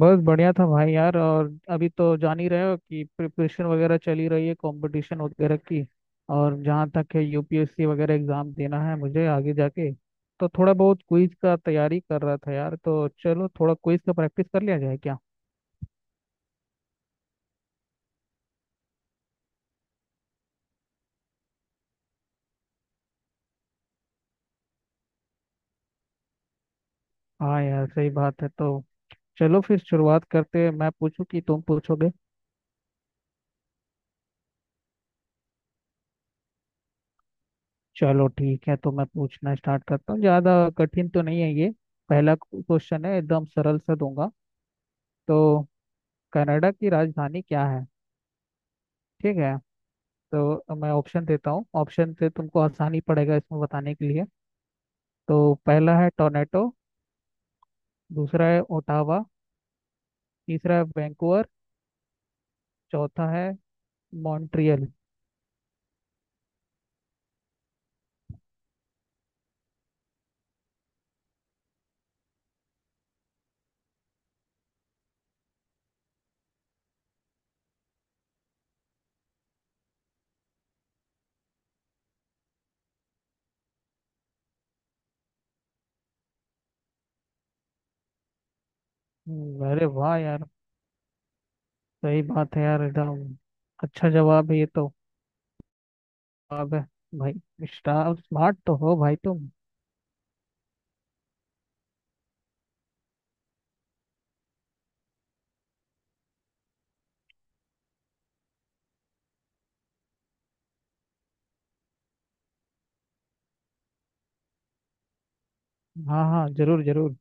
बस बढ़िया था भाई यार। और अभी तो जान ही रहे हो कि प्रिपरेशन वगैरह चली रही है, कंपटीशन वगैरह की। और जहाँ तक है यूपीएससी वगैरह एग्जाम देना है मुझे आगे जाके, तो थोड़ा बहुत क्विज का तैयारी कर रहा था यार। तो चलो थोड़ा क्विज का प्रैक्टिस कर लिया जाए क्या? हाँ यार, सही बात है। तो चलो फिर शुरुआत करते हैं। मैं पूछूं कि तुम पूछोगे? चलो ठीक है, तो मैं पूछना स्टार्ट करता हूँ। ज़्यादा कठिन तो नहीं है ये। पहला क्वेश्चन है, एकदम सरल सा दूंगा। तो कनाडा की राजधानी क्या है? ठीक है। तो मैं ऑप्शन देता हूँ, ऑप्शन से तुमको आसानी पड़ेगा इसमें बताने के लिए। तो पहला है टोरंटो, दूसरा है ओटावा, तीसरा है वैंकूवर, चौथा है मॉन्ट्रियल। अरे वाह यार! सही बात है यार, एकदम। अच्छा जवाब है ये तो। जवाब है भाई। स्मार्ट तो हो भाई तुम। हाँ हाँ, जरूर जरूर।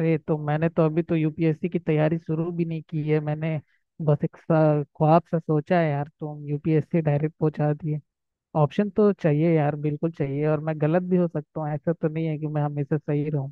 अरे, तो मैंने तो अभी तो यूपीएससी की तैयारी शुरू भी नहीं की है मैंने। बस ख्वाब सा सोचा है यार, तुम यूपीएससी डायरेक्ट पहुंचा दिए। ऑप्शन तो चाहिए यार, बिल्कुल चाहिए। और मैं गलत भी हो सकता हूँ, ऐसा तो नहीं है कि मैं हमेशा सही रहूँ।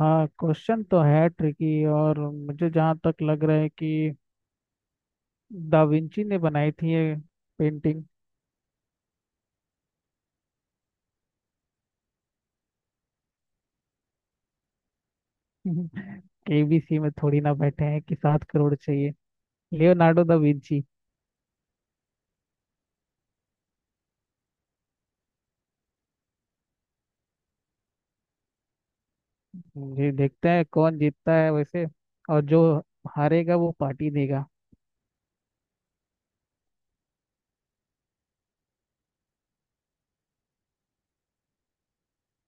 हाँ, क्वेश्चन तो है ट्रिकी। और मुझे जहाँ तक लग रहा है कि दा विंची ने बनाई थी ये पेंटिंग। केबीसी में थोड़ी ना बैठे हैं कि 7 करोड़ चाहिए। Leonardo da Vinci. जी, देखते हैं कौन जीतता है वैसे। और जो हारेगा वो पार्टी देगा।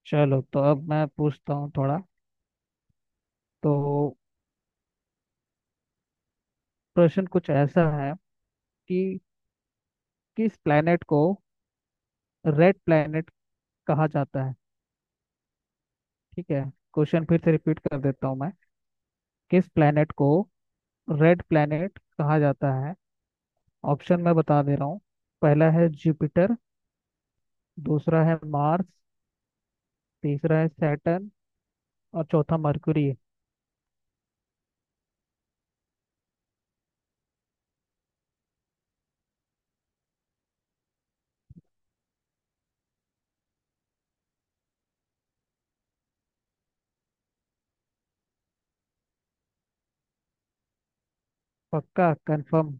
चलो, तो अब मैं पूछता हूँ थोड़ा। तो प्रश्न कुछ ऐसा है कि किस प्लेनेट को रेड प्लेनेट कहा जाता है? ठीक है। क्वेश्चन फिर से रिपीट कर देता हूँ मैं। किस प्लेनेट को रेड प्लेनेट कहा जाता है? ऑप्शन मैं बता दे रहा हूँ। पहला है जुपिटर, दूसरा है मार्स, तीसरा है सैटर्न, और चौथा मरकुरी है। पक्का कंफर्म,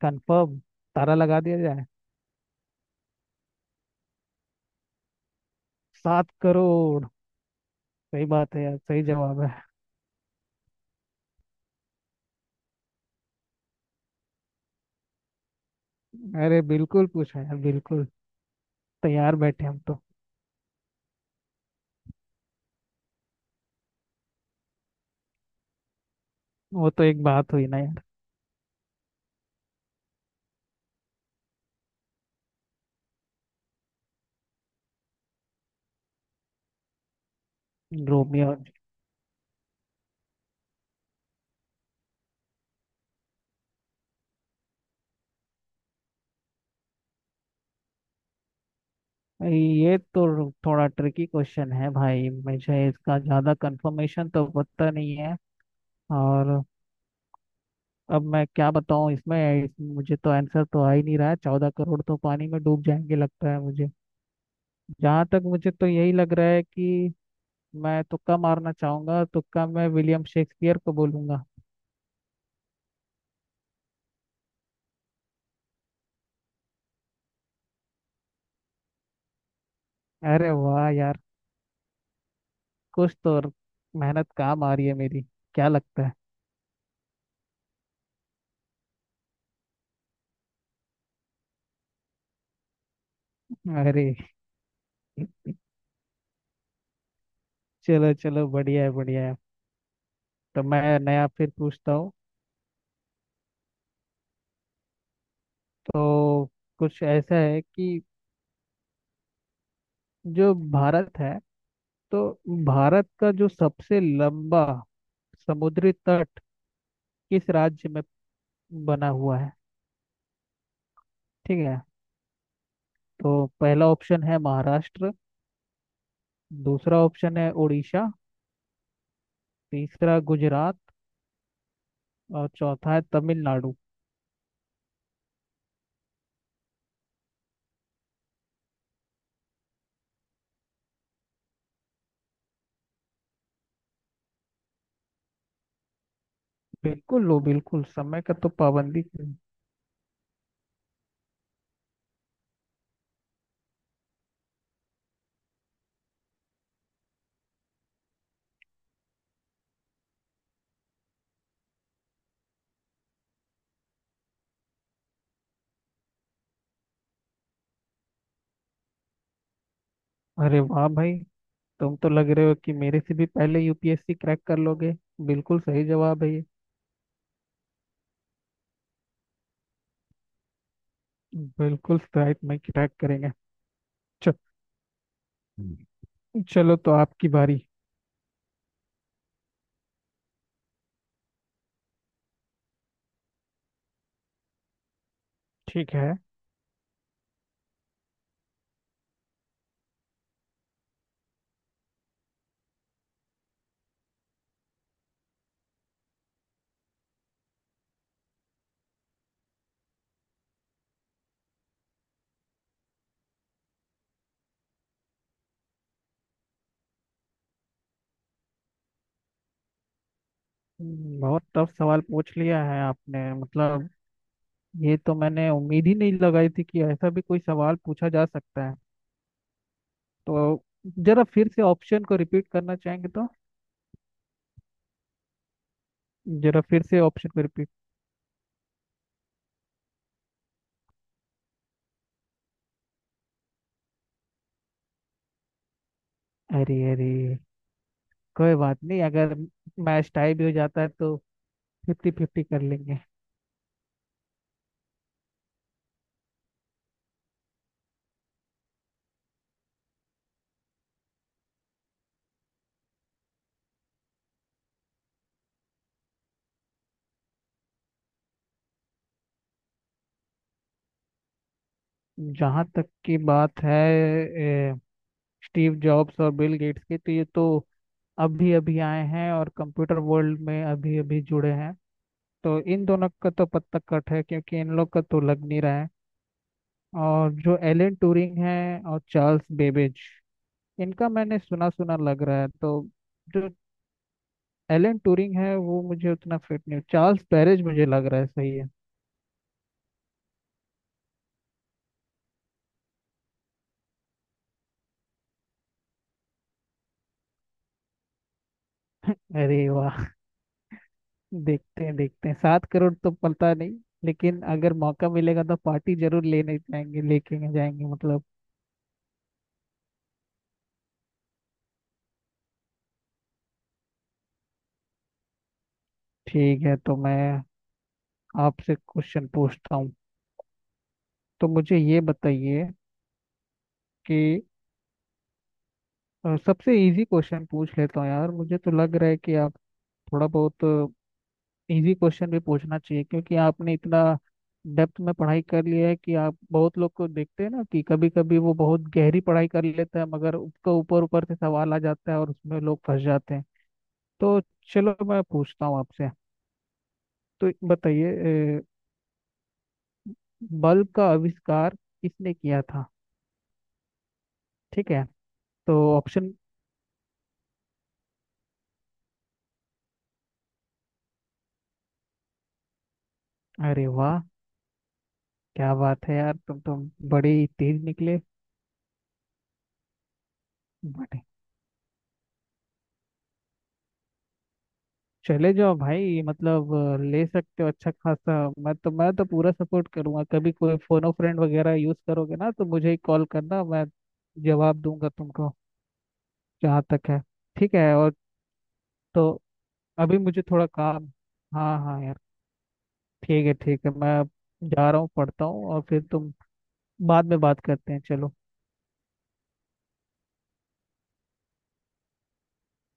कंफर्म। तारा लगा दिया जाए। 7 करोड़। सही बात है यार, सही जवाब है। अरे बिल्कुल पूछा यार, बिल्कुल। तैयार बैठे हम तो। वो तो एक बात हुई ना यार। रोमियो और। ये तो थोड़ा ट्रिकी क्वेश्चन है भाई, मुझे इसका ज़्यादा कंफर्मेशन तो पता नहीं है। और अब मैं क्या बताऊँ इसमें मुझे तो आंसर तो आ ही नहीं रहा है, 14 करोड़ तो पानी में डूब जाएंगे लगता है मुझे। जहाँ तक मुझे तो यही लग रहा है कि मैं तुक्का मारना चाहूंगा, तुक्का मैं विलियम शेक्सपियर को बोलूंगा। अरे वाह यार! कुछ तो मेहनत काम आ रही है मेरी। क्या लगता है? अरे, चलो चलो, बढ़िया है बढ़िया है। तो मैं नया फिर पूछता हूँ। तो कुछ ऐसा है कि जो भारत है, तो भारत का जो सबसे लंबा समुद्री तट किस राज्य में बना हुआ है? ठीक है। तो पहला ऑप्शन है महाराष्ट्र, दूसरा ऑप्शन है उड़ीसा, तीसरा गुजरात, और चौथा है तमिलनाडु। बिल्कुल लो, बिल्कुल समय का तो पाबंदी नहीं। अरे वाह भाई! तुम तो लग रहे हो कि मेरे से भी पहले यूपीएससी क्रैक कर लोगे। बिल्कुल सही जवाब है ये। बिल्कुल, शायद मैं क्रैक करेंगे। चलो। चलो तो आपकी बारी। ठीक है। बहुत टफ सवाल पूछ लिया है आपने मतलब। ये तो मैंने उम्मीद ही नहीं लगाई थी कि ऐसा भी कोई सवाल पूछा जा सकता है। तो जरा फिर से ऑप्शन को रिपीट करना चाहेंगे तो। जरा फिर से ऑप्शन को रिपीट। अरे अरे, कोई बात नहीं। अगर मैच टाई भी हो जाता है तो 50-50 कर लेंगे। जहाँ तक की बात है स्टीव जॉब्स और बिल गेट्स की, तो ये तो अभी अभी आए हैं और कंप्यूटर वर्ल्ड में अभी अभी जुड़े हैं। तो इन दोनों का तो पत्ता कट है, क्योंकि इन लोग का तो लग नहीं रहा है। और जो एलन ट्यूरिंग है और चार्ल्स बेबेज, इनका मैंने सुना सुना लग रहा है। तो जो एलन ट्यूरिंग है वो मुझे उतना फिट नहीं, चार्ल्स बैबेज मुझे लग रहा है सही है। अरे वाह! देखते हैं, देखते हैं। 7 करोड़ तो पता नहीं, लेकिन अगर मौका मिलेगा तो पार्टी जरूर लेने जाएंगे, लेके जाएंगे मतलब। ठीक है, तो मैं आपसे क्वेश्चन पूछता हूँ। तो मुझे ये बताइए कि सबसे इजी क्वेश्चन पूछ लेता हूँ यार। मुझे तो लग रहा है कि आप थोड़ा बहुत इजी क्वेश्चन भी पूछना चाहिए, क्योंकि आपने इतना डेप्थ में पढ़ाई कर लिया है कि आप। बहुत लोग को देखते हैं ना कि कभी कभी वो बहुत गहरी पढ़ाई कर लेते हैं, मगर उसका ऊपर ऊपर से सवाल आ जाता है और उसमें लोग फंस जाते हैं। तो चलो मैं पूछता हूँ आपसे। तो बताइए बल्ब का आविष्कार किसने किया था? ठीक है। तो ऑप्शन। अरे वाह! क्या बात है यार! तुम बड़े ही तेज निकले। बड़े। चले जाओ भाई, मतलब ले सकते हो अच्छा खासा। मैं तो पूरा सपोर्ट करूंगा। कभी कोई फोनो फ्रेंड वगैरह यूज करोगे ना तो मुझे ही कॉल करना, मैं जवाब दूंगा तुमको। जहाँ तक है, ठीक है। और तो अभी मुझे थोड़ा काम। हाँ हाँ यार, ठीक है ठीक है। मैं जा रहा हूँ, पढ़ता हूँ, और फिर तुम बाद में बात करते हैं। चलो।